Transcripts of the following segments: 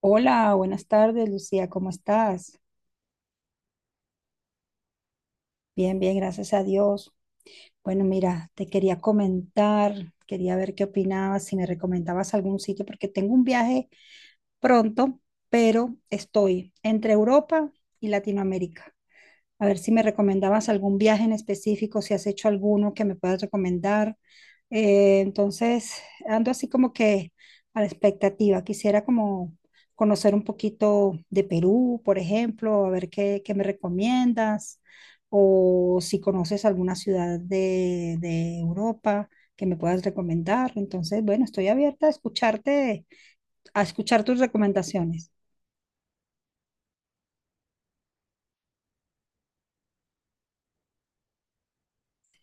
Hola, buenas tardes, Lucía, ¿cómo estás? Bien, bien, gracias a Dios. Bueno, mira, te quería comentar, quería ver qué opinabas, si me recomendabas algún sitio, porque tengo un viaje pronto, pero estoy entre Europa y Latinoamérica. A ver si me recomendabas algún viaje en específico, si has hecho alguno que me puedas recomendar. Entonces, ando así como que a la expectativa. Quisiera como conocer un poquito de Perú, por ejemplo, a ver qué me recomiendas, o si conoces alguna ciudad de Europa que me puedas recomendar. Entonces, bueno, estoy abierta a escucharte, a escuchar tus recomendaciones.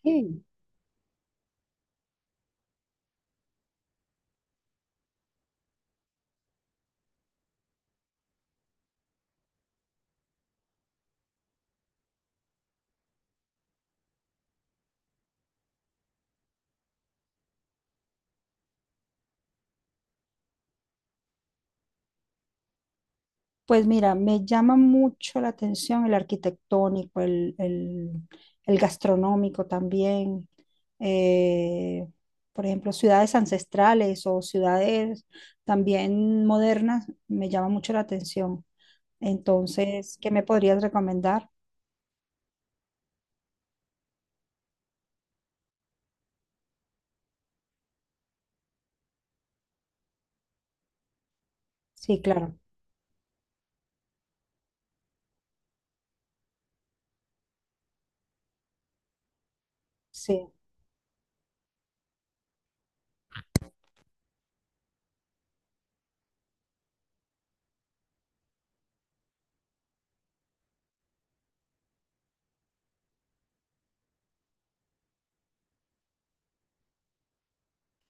Sí. Pues mira, me llama mucho la atención el arquitectónico, el gastronómico también. eh, por ejemplo, ciudades ancestrales o ciudades también modernas, me llama mucho la atención. Entonces, ¿qué me podrías recomendar? Sí, claro, sí.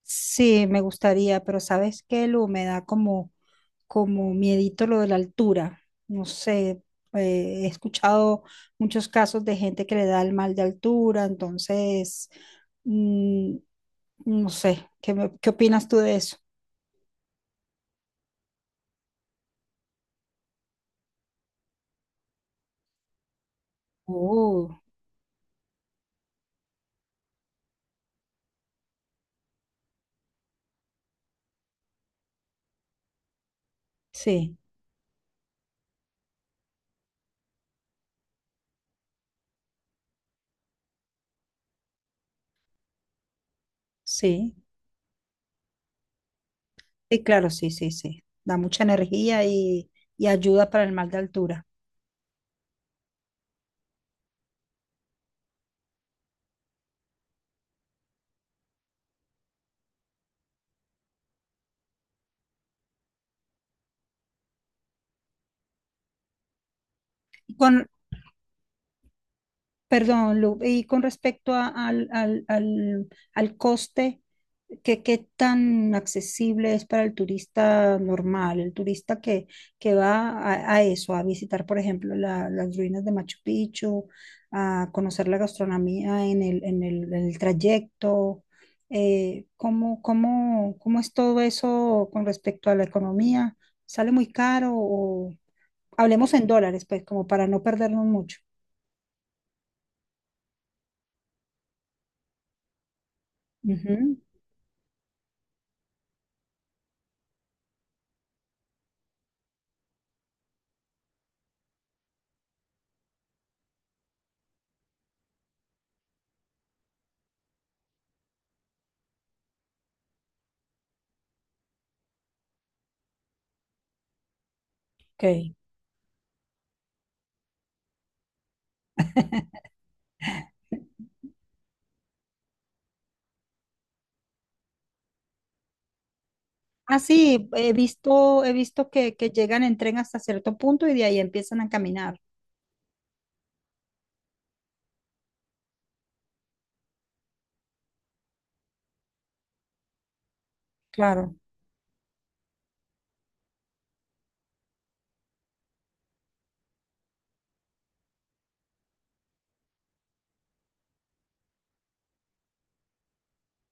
Sí, me gustaría, pero ¿sabes qué, Lu? Me da como miedito lo de la altura. No sé, he escuchado muchos casos de gente que le da el mal de altura, entonces, mm, no sé, ¿qué opinas tú de eso? Uh, sí, sí, sí, claro, sí, sí, sí. Da mucha energía y ayuda para el mal de altura. Y con, Perdón, Lu, y con respecto al coste, ¿qué tan accesible es para el turista normal, el turista que va a eso, a visitar, por ejemplo, las ruinas de Machu Picchu, a conocer la gastronomía en el trayecto? ¿Cómo es todo eso con respecto a la economía? ¿Sale muy caro o hablemos en dólares, pues, como para no perdernos mucho? Ujú. Ok. Ah, sí, he visto que llegan en tren hasta cierto punto y de ahí empiezan a caminar. Claro.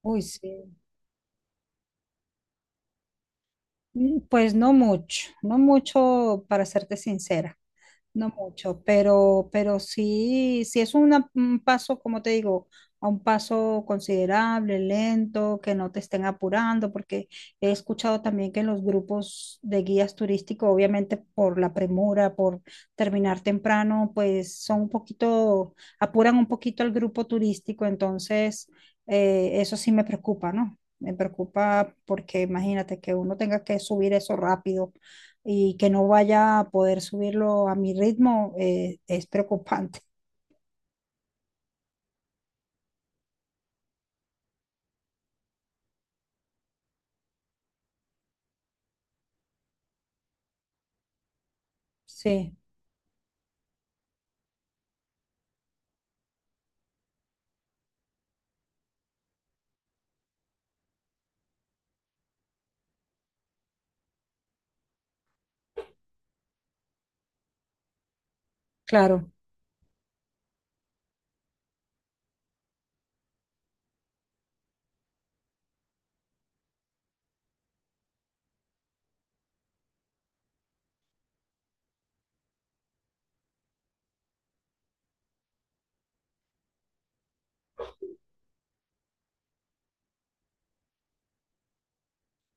Uy, sí. Pues no mucho, no mucho para serte sincera. No mucho, pero, sí, sí es un paso, como te digo, a un paso considerable, lento, que no te estén apurando, porque he escuchado también que los grupos de guías turísticos, obviamente por la premura, por terminar temprano, pues son un poquito, apuran un poquito al grupo turístico, entonces eso sí me preocupa, ¿no? Me preocupa porque imagínate que uno tenga que subir eso rápido y que no vaya a poder subirlo a mi ritmo es preocupante. Sí, claro.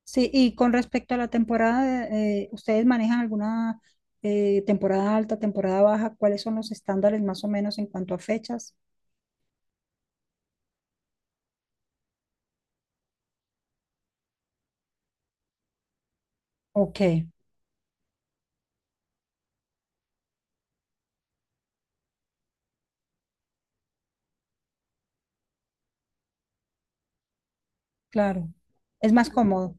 Sí, y con respecto a la temporada, ¿ustedes manejan alguna temporada alta, temporada baja? ¿Cuáles son los estándares más o menos en cuanto a fechas? Ok, claro. Es más cómodo.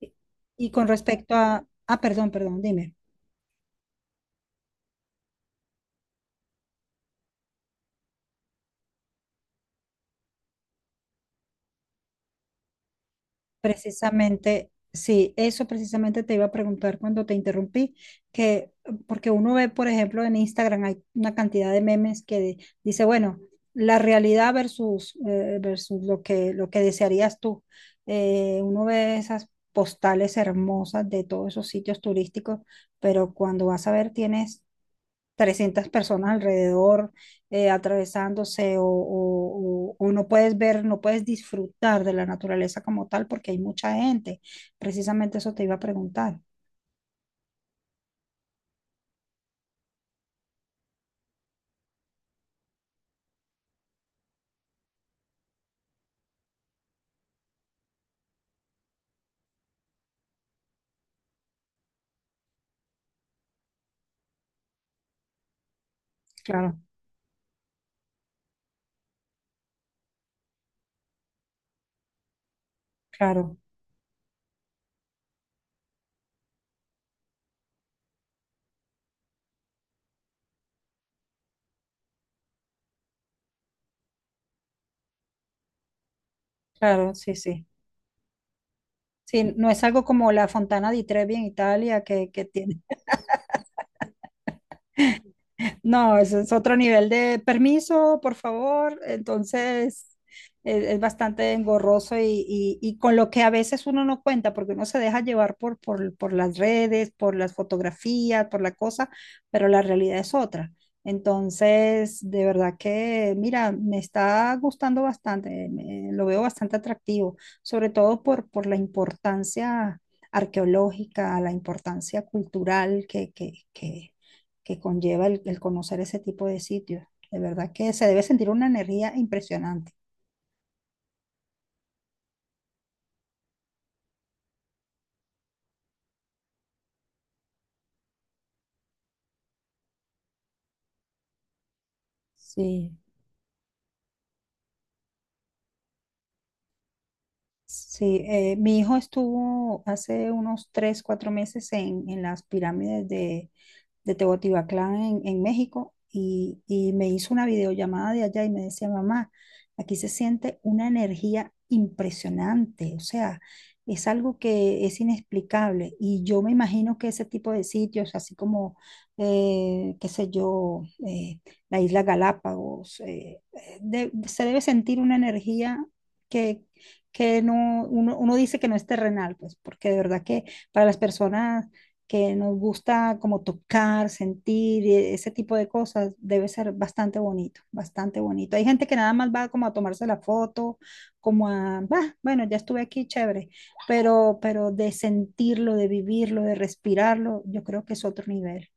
Y y con respecto a... Ah, perdón, perdón, dime. Precisamente, sí, eso precisamente te iba a preguntar cuando te interrumpí, que porque uno ve, por ejemplo, en Instagram hay una cantidad de memes que dice, bueno, la realidad versus lo que, desearías tú. Uno ve esas postales hermosas de todos esos sitios turísticos, pero cuando vas a ver, tienes 300 personas alrededor atravesándose o no puedes ver, no puedes disfrutar de la naturaleza como tal porque hay mucha gente. Precisamente eso te iba a preguntar. Claro, claro, claro, sí, sí. Sí, no es algo como la Fontana di Trevi en Italia que, tiene. No, eso es otro nivel de permiso, por favor. Entonces, es bastante engorroso y, y con lo que a veces uno no cuenta, porque uno se deja llevar por, por las redes, por las fotografías, por la cosa, pero la realidad es otra. Entonces, de verdad que, mira, me está gustando bastante, lo veo bastante atractivo, sobre todo por, la importancia arqueológica, la importancia cultural que, que, conlleva el conocer ese tipo de sitios. De verdad que se debe sentir una energía impresionante. Sí. Sí, mi hijo estuvo hace unos 3, 4 meses en las pirámides de Teotihuacán en México y me hizo una videollamada de allá y me decía, mamá, aquí se siente una energía impresionante, o sea, es algo que es inexplicable y yo me imagino que ese tipo de sitios, así como, qué sé yo, la isla Galápagos, se debe sentir una energía que, que, no, uno dice que no es terrenal, pues porque de verdad que para las personas que nos gusta como tocar, sentir, ese tipo de cosas, debe ser bastante bonito, bastante bonito. Hay gente que nada más va como a tomarse la foto, como a, "Bah, bueno, ya estuve aquí, chévere, pero, de sentirlo, de vivirlo, de respirarlo, yo creo que es otro nivel.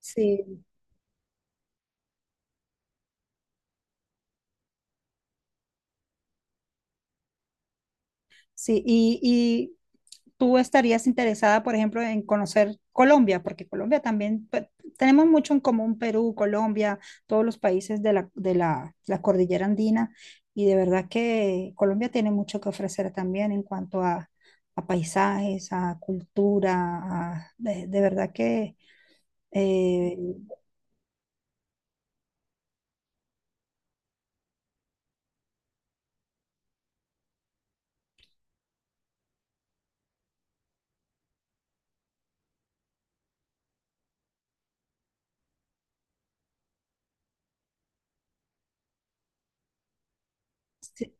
Sí. Sí, y tú estarías interesada, por ejemplo, en conocer Colombia, porque Colombia también, tenemos mucho en común, Perú, Colombia, todos los países de la cordillera andina, y de verdad que Colombia tiene mucho que ofrecer también en cuanto a paisajes, a cultura, de verdad que eh, sí.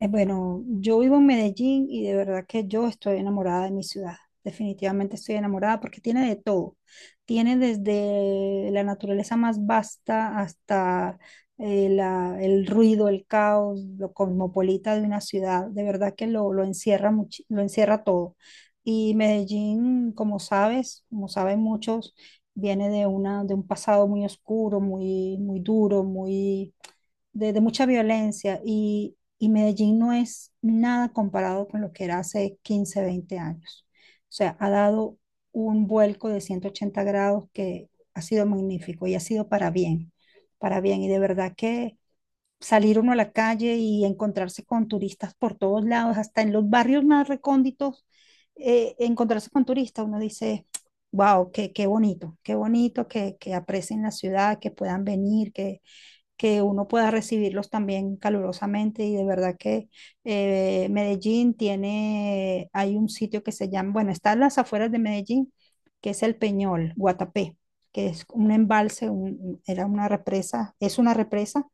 Bueno, yo vivo en Medellín y de verdad que yo estoy enamorada de mi ciudad. Definitivamente estoy enamorada porque tiene de todo. Tiene desde la naturaleza más vasta hasta el ruido, el caos, lo cosmopolita de una ciudad. De verdad que lo, lo encierra todo. Y Medellín, como sabes, como saben muchos, viene de una, de un pasado muy oscuro, muy, muy duro, muy de mucha violencia y, Medellín no es nada comparado con lo que era hace 15-20 años. O sea, ha dado un vuelco de 180 grados que ha sido magnífico y ha sido para bien, para bien. Y de verdad que salir uno a la calle y encontrarse con turistas por todos lados, hasta en los barrios más recónditos, encontrarse con turistas, uno dice, wow, qué, bonito, qué bonito que aprecien la ciudad, que puedan venir, que uno pueda recibirlos también calurosamente y de verdad que Medellín tiene, hay un sitio que se llama, bueno, está en las afueras de Medellín, que es el Peñol, Guatapé, que es un embalse, era una represa, es una represa,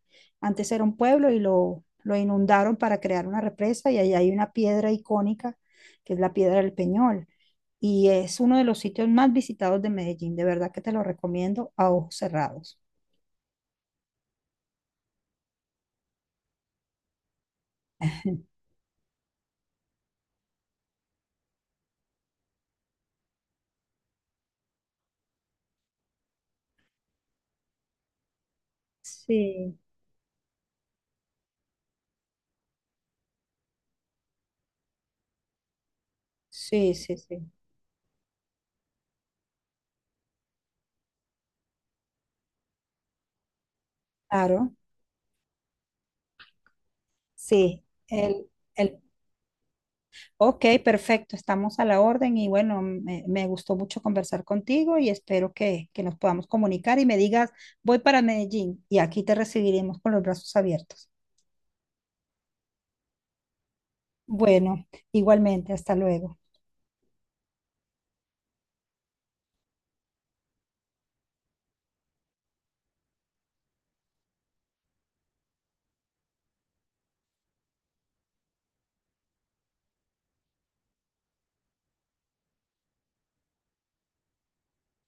antes era un pueblo y lo, inundaron para crear una represa y ahí hay una piedra icónica, que es la piedra del Peñol. Y es uno de los sitios más visitados de Medellín, de verdad que te lo recomiendo a ojos cerrados. Sí. Sí, sí, sí, claro. Sí. El, ok, perfecto, estamos a la orden y bueno, me, gustó mucho conversar contigo y espero que nos podamos comunicar y me digas, voy para Medellín y aquí te recibiremos con los brazos abiertos. Bueno, igualmente, hasta luego.